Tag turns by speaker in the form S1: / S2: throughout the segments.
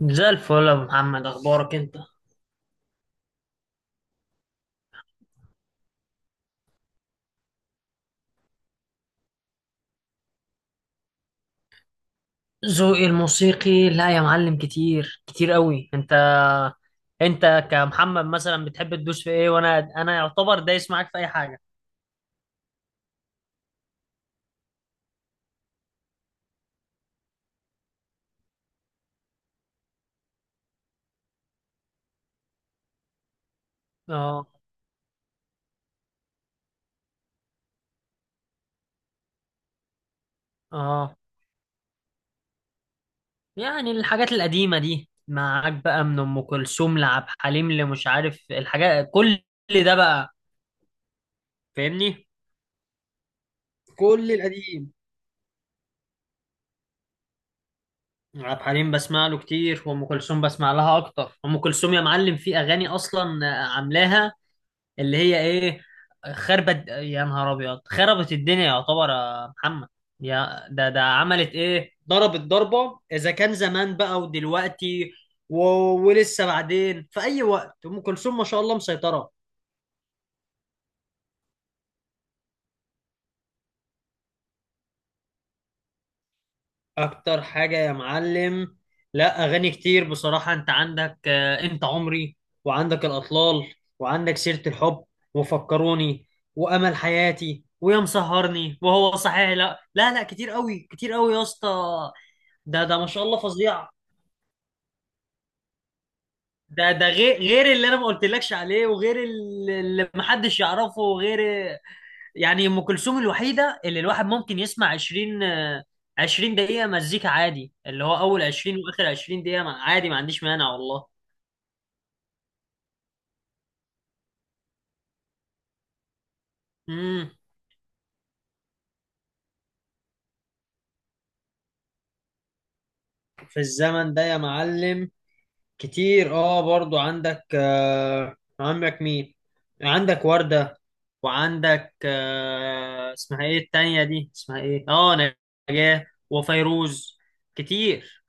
S1: زي الفل يا أبو محمد، اخبارك انت؟ ذوقي الموسيقي، لا يا معلم، كتير كتير قوي. انت كمحمد مثلا بتحب تدوس في ايه؟ وانا يعتبر دايس معاك في اي حاجه. اه اه، يعني الحاجات القديمه دي معاك بقى، من ام كلثوم لعبد الحليم، اللي مش عارف الحاجات، كل ده بقى، فاهمني. كل القديم. عبد الحليم بسمع له كتير، وام كلثوم بسمع لها اكتر. ام كلثوم يا معلم في اغاني اصلا عاملاها، اللي هي ايه، خربت، يا نهار ابيض خربت الدنيا، يعتبر يا محمد. يا ده عملت ايه، ضربت ضربة، اذا كان زمان بقى ودلوقتي و... ولسه بعدين، في اي وقت ام كلثوم ما شاء الله مسيطرة. اكتر حاجة يا معلم؟ لا، اغاني كتير بصراحة. انت عندك انت عمري، وعندك الاطلال، وعندك سيرة الحب، وفكروني، وامل حياتي، ويا مسهرني، وهو صحيح. لا لا لا، كتير قوي كتير قوي يا اسطى. ده ما شاء الله فظيع. ده غير اللي انا ما قلتلكش عليه، وغير اللي محدش يعرفه، وغير يعني، ام كلثوم الوحيده اللي الواحد ممكن يسمع 20 20 دقيقه مزيكا عادي، اللي هو اول 20 واخر 20 دقيقه عادي، ما عنديش مانع والله. امم في الزمن ده يا معلم، كتير اه برضو. عندك آه عندك مين، عندك وردة، وعندك آه اسمها ايه التانية دي، اسمها ايه، اه، نجاة وفيروز، كتير.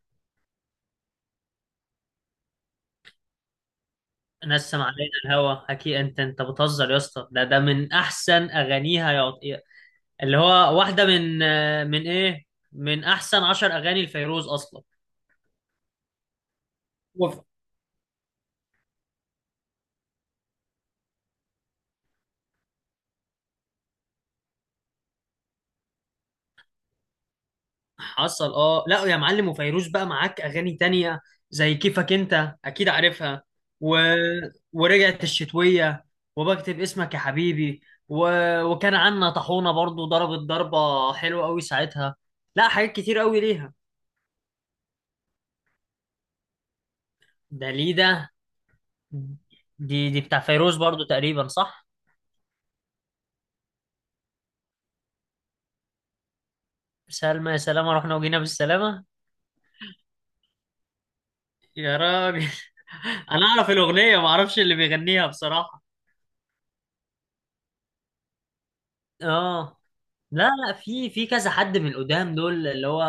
S1: نسم علينا الهوى اكيد. انت بتهزر يا اسطى؟ ده من احسن اغانيها يا اللي هو واحدة من ايه، من احسن عشر اغاني لفيروز اصلا. حصل. اه لا يا معلم، وفيروز بقى معاك اغاني تانية زي كيفك انت، اكيد عارفها، و... ورجعت الشتوية، وبكتب اسمك يا حبيبي، و... وكان عنا طحونة برضو ضربت ضربة حلوة قوي ساعتها. لا حاجات كتير قوي ليها. ده ليه ده؟ دي بتاع فيروز برضو تقريبا، صح؟ سلمى يا سلامة، رحنا وجينا بالسلامة. يا راجل انا اعرف الاغنية، ما اعرفش اللي بيغنيها بصراحة. اه. لا لا، في كذا حد من القدام دول، اللي هو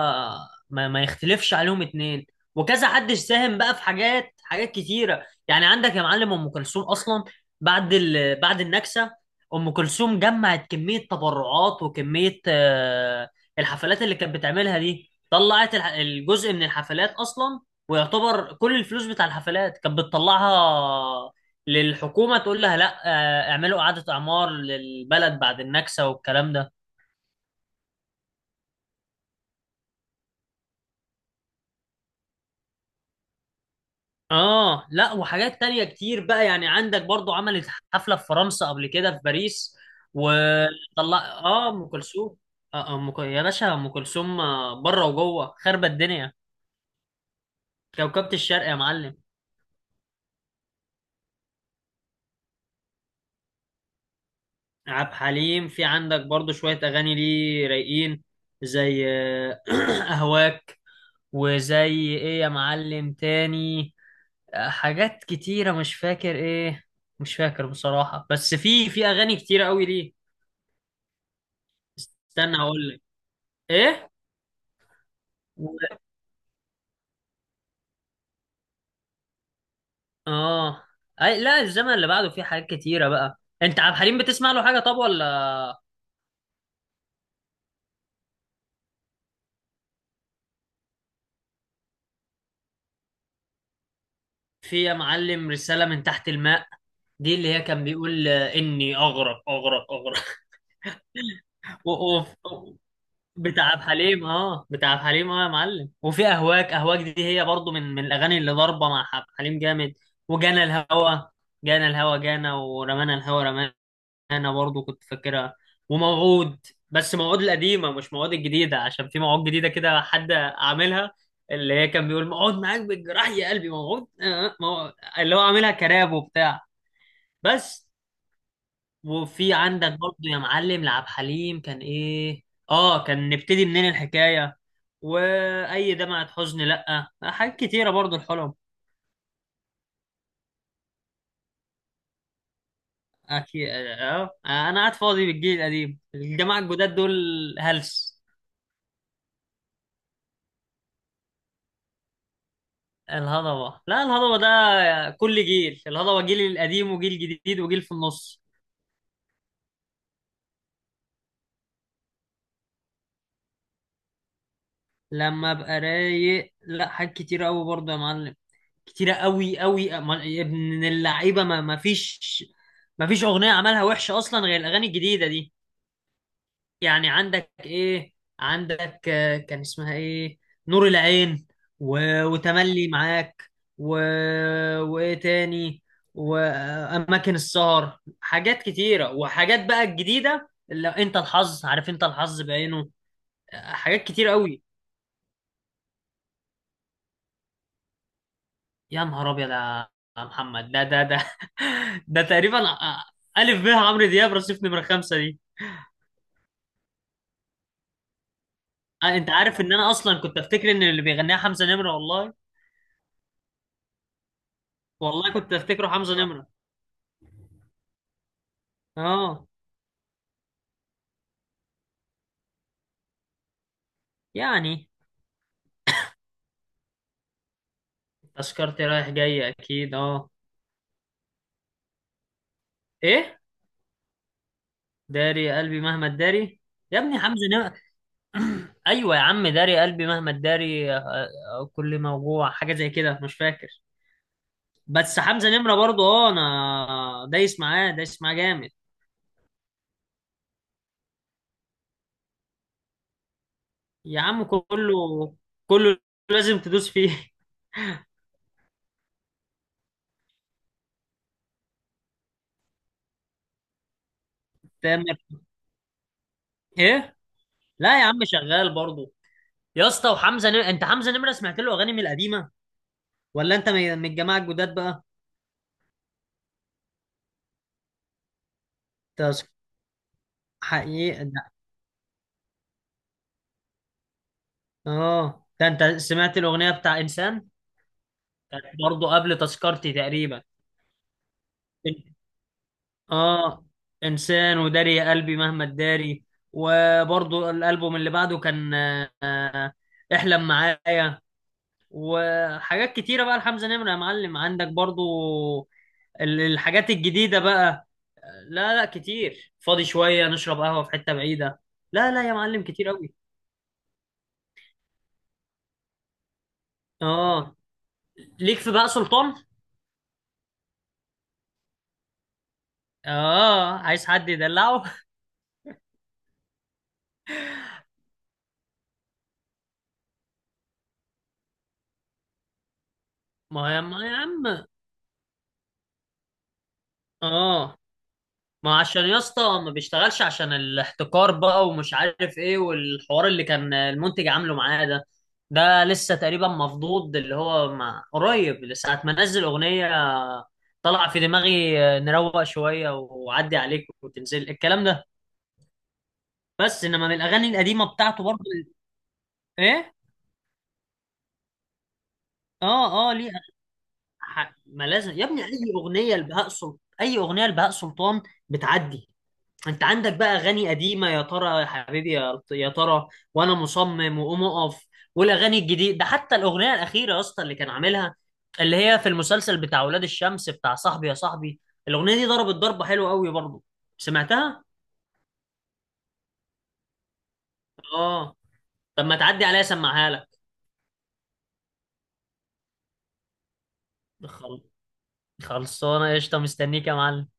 S1: ما يختلفش عليهم اتنين، وكذا حد ساهم بقى في حاجات، حاجات كتيره. يعني عندك يا معلم ام كلثوم اصلا بعد بعد النكسه، ام كلثوم جمعت كميه تبرعات وكميه الحفلات اللي كانت بتعملها دي، طلعت الجزء من الحفلات اصلا، ويعتبر كل الفلوس بتاع الحفلات كانت بتطلعها للحكومه، تقول لها لا اعملوا اعاده اعمار للبلد بعد النكسه والكلام ده. اه لا وحاجات تانية كتير بقى. يعني عندك برضو عملت حفلة في فرنسا قبل كده، في باريس، وطلع اه، ام كلثوم آه يا باشا، ام كلثوم بره وجوه خربت الدنيا، كوكبة الشرق يا معلم. عبد الحليم في عندك برضو شوية اغاني ليه رايقين، زي اهواك، وزي ايه يا معلم تاني، حاجات كتيرة مش فاكر ايه، مش فاكر بصراحة، بس في اغاني كتيرة قوي ليه. استنى هقول لك ايه. و... اه. لا، الزمن اللي بعده فيه حاجات كتيرة بقى. انت عبد الحليم بتسمع له حاجة طب ولا؟ في يا معلم رسالة من تحت الماء، دي اللي هي كان بيقول اني اغرق اغرق اغرق. و... و... بتاع عبد الحليم، اه بتاع عبد الحليم اه يا معلم، وفي اهواك. اهواك دي هي برضو من الاغاني اللي ضاربة مع عبد الحليم جامد، وجانا الهوى. جانا الهوى جانا، ورمانا الهوى رمانا. انا برضو كنت فاكرها. وموعود، بس موعود القديمه مش موعود الجديده، عشان في موعود جديده كده حد عاملها، اللي هي كان بيقول موعود معاك بالجراح يا قلبي، موعود موعود، اللي هو عاملها كراب وبتاع. بس. وفي عندك برضو يا معلم لعب حليم، كان ايه، اه، كان نبتدي منين الحكايه، واي دمعة حزن. لا حاجات كتيره برضو، الحلم. اكيد اه انا قاعد فاضي بالجيل القديم؟ الجماعه الجداد دول هلس. الهضبة، لا الهضبة ده كل جيل، الهضبة جيل القديم وجيل جديد وجيل في النص. لما ابقى رايق؟ لا حاجات كتيرة قوي برضه يا معلم، كتيرة قوي قوي. يا ابن اللعيبة، ما فيش، ما فيش أغنية عملها وحشة أصلا غير الأغاني الجديدة دي. يعني عندك ايه؟ عندك كان اسمها ايه، نور العين، و... وتملي معاك، و... وايه تاني، واماكن السهر. حاجات كتيره، وحاجات بقى الجديده، اللي انت الحظ، عارف، انت الحظ بعينه. حاجات كتير قوي. يا نهار ابيض يا محمد، ده ده ده. ده تقريبا الف ب عمرو دياب رصيف نمره خمسه دي. انت عارف ان انا اصلا كنت افتكر ان اللي بيغنيها حمزه نمره والله. والله كنت افتكره حمزه نمره. اه يعني. تذكرتي، رايح جاي، اكيد اه. ايه؟ داري قلبي مهما تداري. يا ابني حمزة نمرة. ايوه يا عم، داري قلبي مهما تداري كل موجوع حاجه زي كده مش فاكر. بس حمزة نمرة برضو، اه انا دايس معاه، دايس معاه جامد. يا عم كله، كله لازم تدوس فيه. تامر ايه؟ لا يا عم شغال برضو يا اسطى. وحمزة نمرة، انت حمزة نمرة سمعت له اغاني من القديمه، ولا انت من الجماعه الجداد بقى؟ تذكر، حقيقي اه. ده انت سمعت الاغنيه بتاع انسان، كانت برضه قبل تذكرتي تقريبا. اه، انسان، وداري يا قلبي مهما تداري، وبرضه الالبوم اللي بعده كان آه، احلم معايا. وحاجات كتيره بقى لحمزه نمره يا معلم، عندك برضه الحاجات الجديده بقى. لا لا كتير، فاضي شويه نشرب قهوه في حته بعيده. لا لا يا معلم كتير قوي. اه ليك، في بقى سلطان. اه، عايز حد يدلعه. ما هو يا عم، اه. ما عشان يا اسطى ما بيشتغلش عشان الاحتكار بقى، ومش عارف ايه، والحوار اللي كان المنتج عامله معاه ده، ده لسه تقريبا مفضوض، اللي هو ما قريب لساعة ما نزل اغنية، طلع في دماغي نروق شوية وعدي عليك وتنزل الكلام ده. بس انما من الاغاني القديمة بتاعته برضه، ايه، اه اه ليه، ما لازم يا ابني اي اغنية لبهاء سلطان، اي اغنية لبهاء سلطان بتعدي. انت عندك بقى اغاني قديمه، يا ترى يا حبيبي يا ترى، وانا مصمم، وقوم اقف. والاغاني الجديده ده، حتى الاغنيه الاخيره يا اسطى اللي كان عاملها، اللي هي في المسلسل بتاع ولاد الشمس، بتاع صاحبي يا صاحبي، الاغنيه دي ضربت ضربه حلوه قوي برضه. سمعتها اه. طب ما تعدي عليا اسمعها لك. خل- خلصانه قشطه، مستنيك يا معلم.